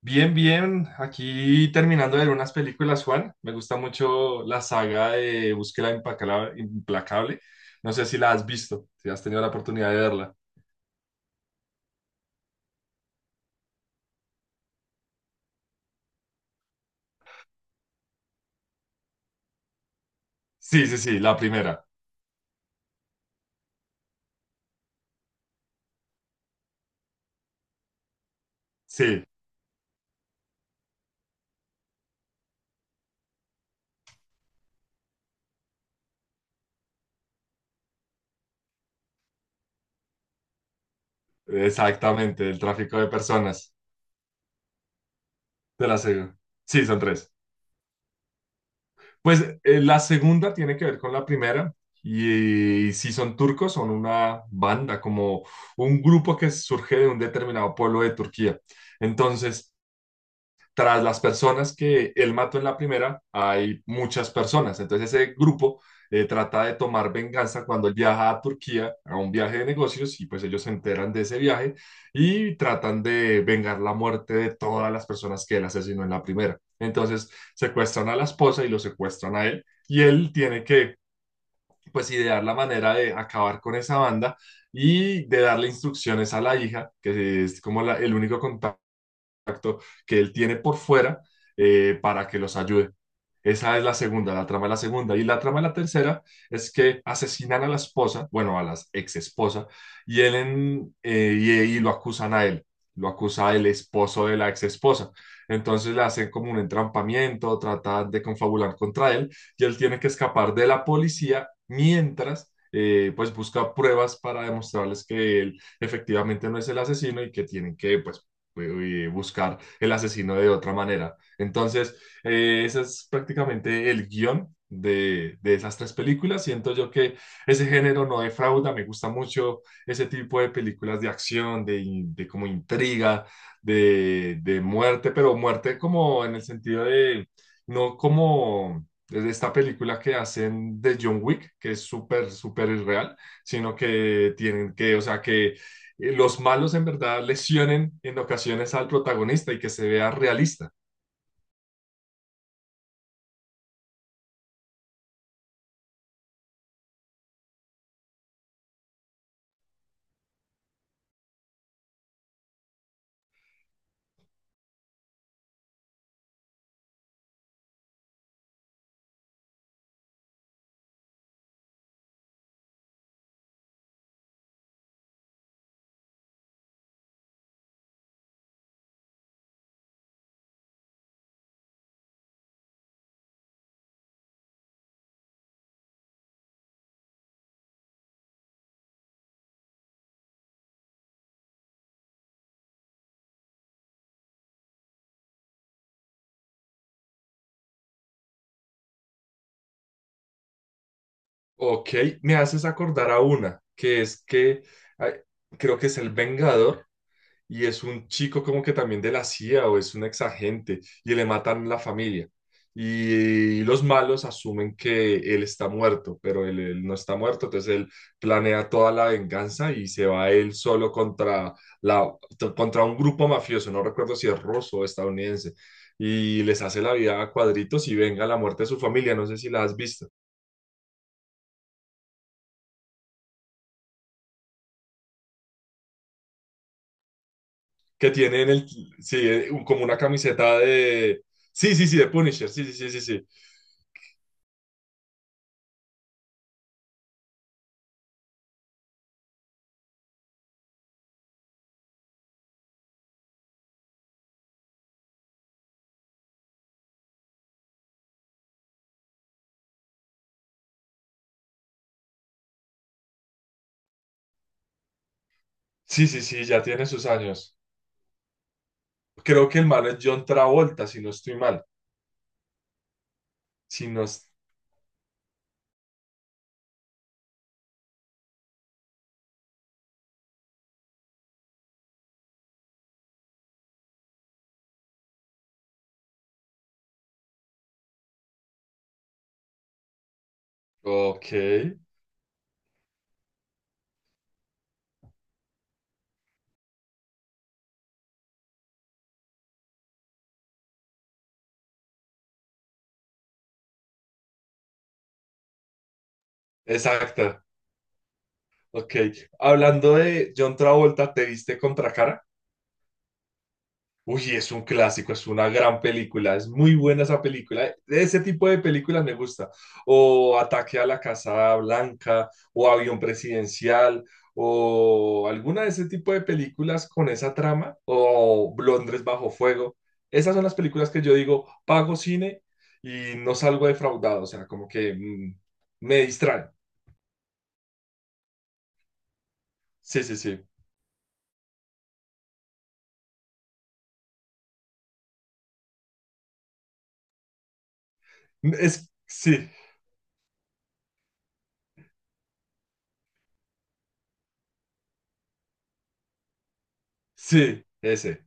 Bien, bien. Aquí terminando de ver unas películas, Juan. Me gusta mucho la saga de Búsqueda Implacable. No sé si la has visto, si has tenido la oportunidad de verla. Sí, sí, sí, la primera. Sí, exactamente, el tráfico de personas. De la segunda. Sí, son tres. Pues la segunda tiene que ver con la primera. Y si son turcos, son una banda, como un grupo que surge de un determinado pueblo de Turquía. Entonces, tras las personas que él mató en la primera, hay muchas personas. Entonces ese grupo trata de tomar venganza cuando él viaja a Turquía a un viaje de negocios y pues ellos se enteran de ese viaje y tratan de vengar la muerte de todas las personas que él asesinó en la primera. Entonces secuestran a la esposa y lo secuestran a él y él tiene que pues idear la manera de acabar con esa banda y de darle instrucciones a la hija, que es como la, el único contacto que él tiene por fuera, para que los ayude. Esa es la segunda, la trama de la segunda. Y la trama de la tercera es que asesinan a la esposa, bueno, a la ex esposa, y y lo acusan a él, lo acusa el esposo de la ex esposa. Entonces le hacen como un entrampamiento, tratan de confabular contra él, y él tiene que escapar de la policía mientras, pues, busca pruebas para demostrarles que él efectivamente no es el asesino y que tienen que, pues, y buscar el asesino de otra manera. Entonces, ese es prácticamente el guión de esas tres películas. Siento yo que ese género no defrauda, me gusta mucho ese tipo de películas de acción, de, de como intriga, de muerte, pero muerte como en el sentido de, no como de esta película que hacen de John Wick, que es súper, súper irreal, sino que tienen que, o sea, que los malos en verdad lesionen en ocasiones al protagonista y que se vea realista. Ok, me haces acordar a una, que es que ay, creo que es el Vengador, y es un chico como que también de la CIA o es un exagente y le matan la familia. Y los malos asumen que él está muerto, pero él no está muerto, entonces él planea toda la venganza y se va él solo contra, la, contra un grupo mafioso, no recuerdo si es ruso o estadounidense, y les hace la vida a cuadritos y venga la muerte de su familia, no sé si la has visto, que tiene en el, sí, como una camiseta de, sí, sí, sí, de Punisher, sí, sí, sí, sí, sí. Sí, sí, sí, ya tiene sus años. Creo que el malo es John Travolta, si no estoy mal. Si no... es- Ok, exacto. Ok. Hablando de John Travolta, ¿te viste Contracara? Uy, es un clásico, es una gran película, es muy buena esa película. Ese tipo de películas me gusta. O Ataque a la Casa Blanca, o Avión Presidencial, o alguna de ese tipo de películas con esa trama, o Londres bajo fuego. Esas son las películas que yo digo, pago cine y no salgo defraudado, o sea, como que me distraen. Sí, sí, sí. Es, sí, sí, ese.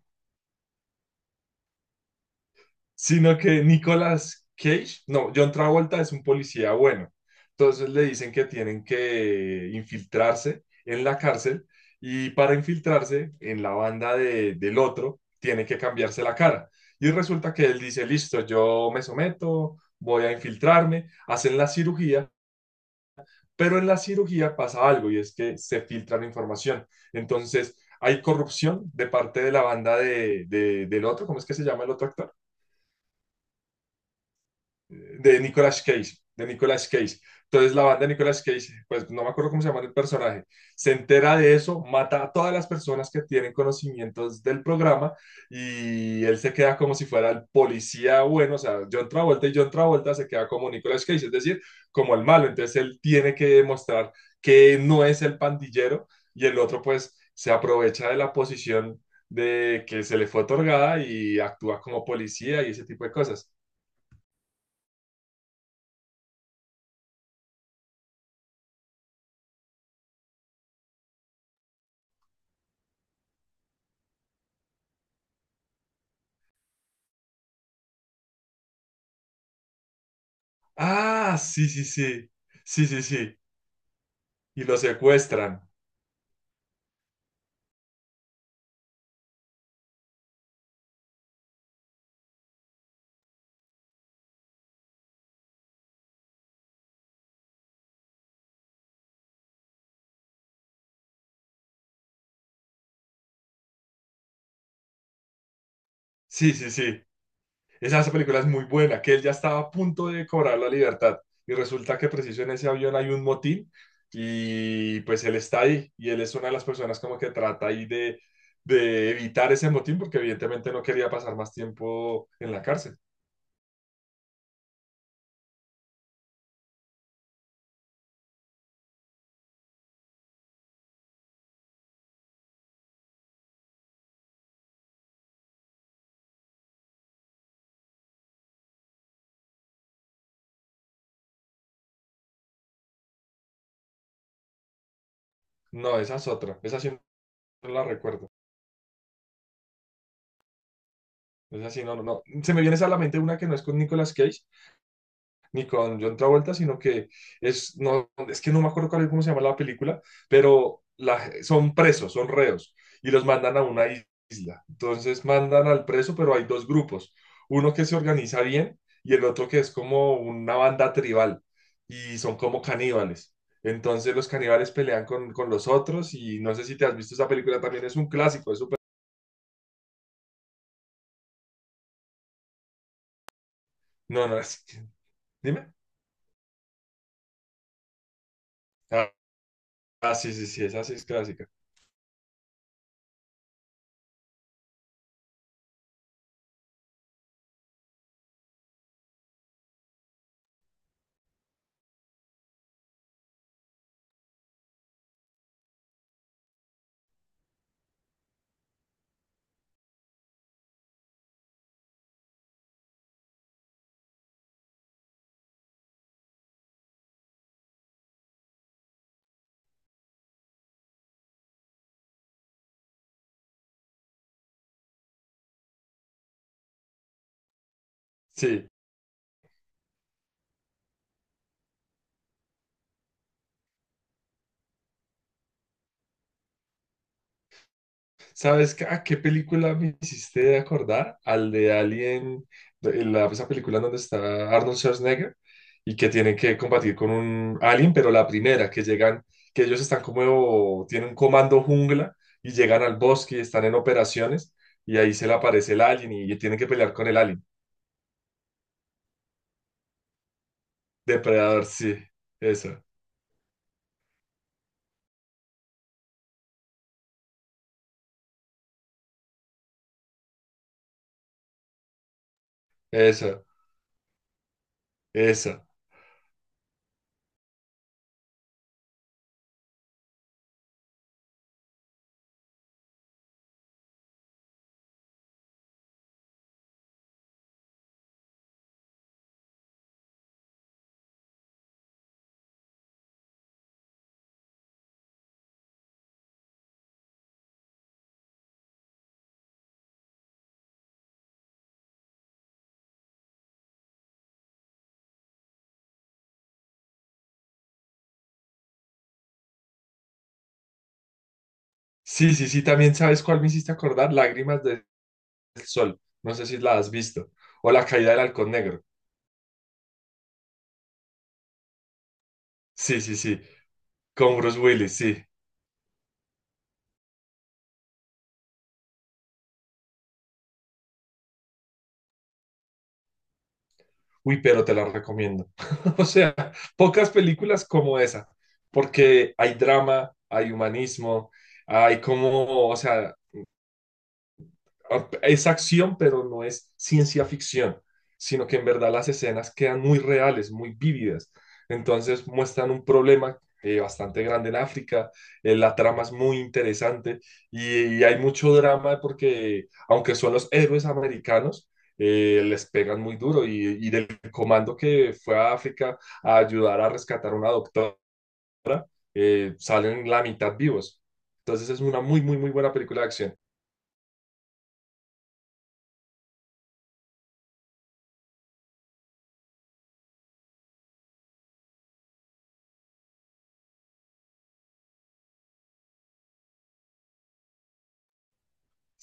Sino que Nicolas Cage, no, John Travolta es un policía bueno. Entonces le dicen que tienen que infiltrarse en la cárcel y para infiltrarse en la del otro tiene que cambiarse la cara. Y resulta que él dice, listo, yo me someto, voy a infiltrarme, hacen la cirugía, pero en la cirugía pasa algo y es que se filtra la información. Entonces hay corrupción de parte de la del otro, ¿cómo es que se llama el otro actor? De Nicolas Cage, de Nicolas Cage. Entonces la banda de Nicolas Cage, pues no me acuerdo cómo se llama el personaje, se entera de eso, mata a todas las personas que tienen conocimientos del programa y él se queda como si fuera el policía bueno, o sea, John Travolta y John Travolta se queda como Nicolas Cage, es decir, como el malo. Entonces él tiene que demostrar que no es el pandillero y el otro pues se aprovecha de la posición de que se le fue otorgada y actúa como policía y ese tipo de cosas. Ah, sí, sí, sí. Sí, sí, sí. Y lo secuestran. Sí, sí, sí. Esa película es muy buena, que él ya estaba a punto de cobrar la libertad. Y resulta que preciso en ese avión hay un motín y pues él está ahí y él es una de las personas como que trata ahí de evitar ese motín porque evidentemente no quería pasar más tiempo en la cárcel. No, esa es otra. Esa sí no la recuerdo. Esa sí no, no, no. Se me viene esa a la mente una que no es con Nicolas Cage, ni con John Travolta, sino que es, no, es que no me acuerdo cuál, es, cómo se llama la película, pero son presos, son reos, y los mandan a una isla. Entonces mandan al preso, pero hay dos grupos, uno que se organiza bien y el otro que es como una banda tribal, y son como caníbales. Entonces los caníbales pelean con los otros y no sé si te has visto esa película, también es un clásico, es súper... No, no, es- dime. Ah, ah, sí, sí, sí, esa sí es clásica. Sí. ¿Sabes qué- a qué película me hiciste acordar? Al de Alien, de- la, esa película en donde está Arnold Schwarzenegger y que tienen que combatir con un alien, pero la primera, que llegan, que ellos están como, tienen un comando jungla y llegan al bosque y están en operaciones y ahí se le aparece el alien y tienen que pelear con el alien. Depredador, sí, esa, esa, esa. Sí, sí, sí, también sabes cuál me hiciste acordar, Lágrimas del Sol. No sé si la has visto. O La Caída del Halcón Negro. Sí, sí, sí, con Bruce Willis, sí. Uy, pero te la recomiendo. O sea, pocas películas como esa, porque hay drama, hay humanismo, hay como, o sea, es acción, pero no es ciencia ficción, sino que en verdad las escenas quedan muy reales, muy vívidas. Entonces muestran un problema, bastante grande en África, la trama es muy interesante y hay mucho drama porque aunque son los héroes americanos, les pegan muy duro y del comando que fue a África a ayudar a rescatar a una doctora, salen la mitad vivos. Entonces es una muy, muy, muy buena película de acción.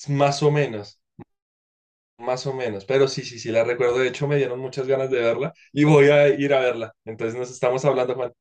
Más o menos. Más o menos, pero sí, sí, sí, la recuerdo. De hecho, me dieron muchas ganas de verla y voy a ir a verla. Entonces nos estamos hablando, Juan.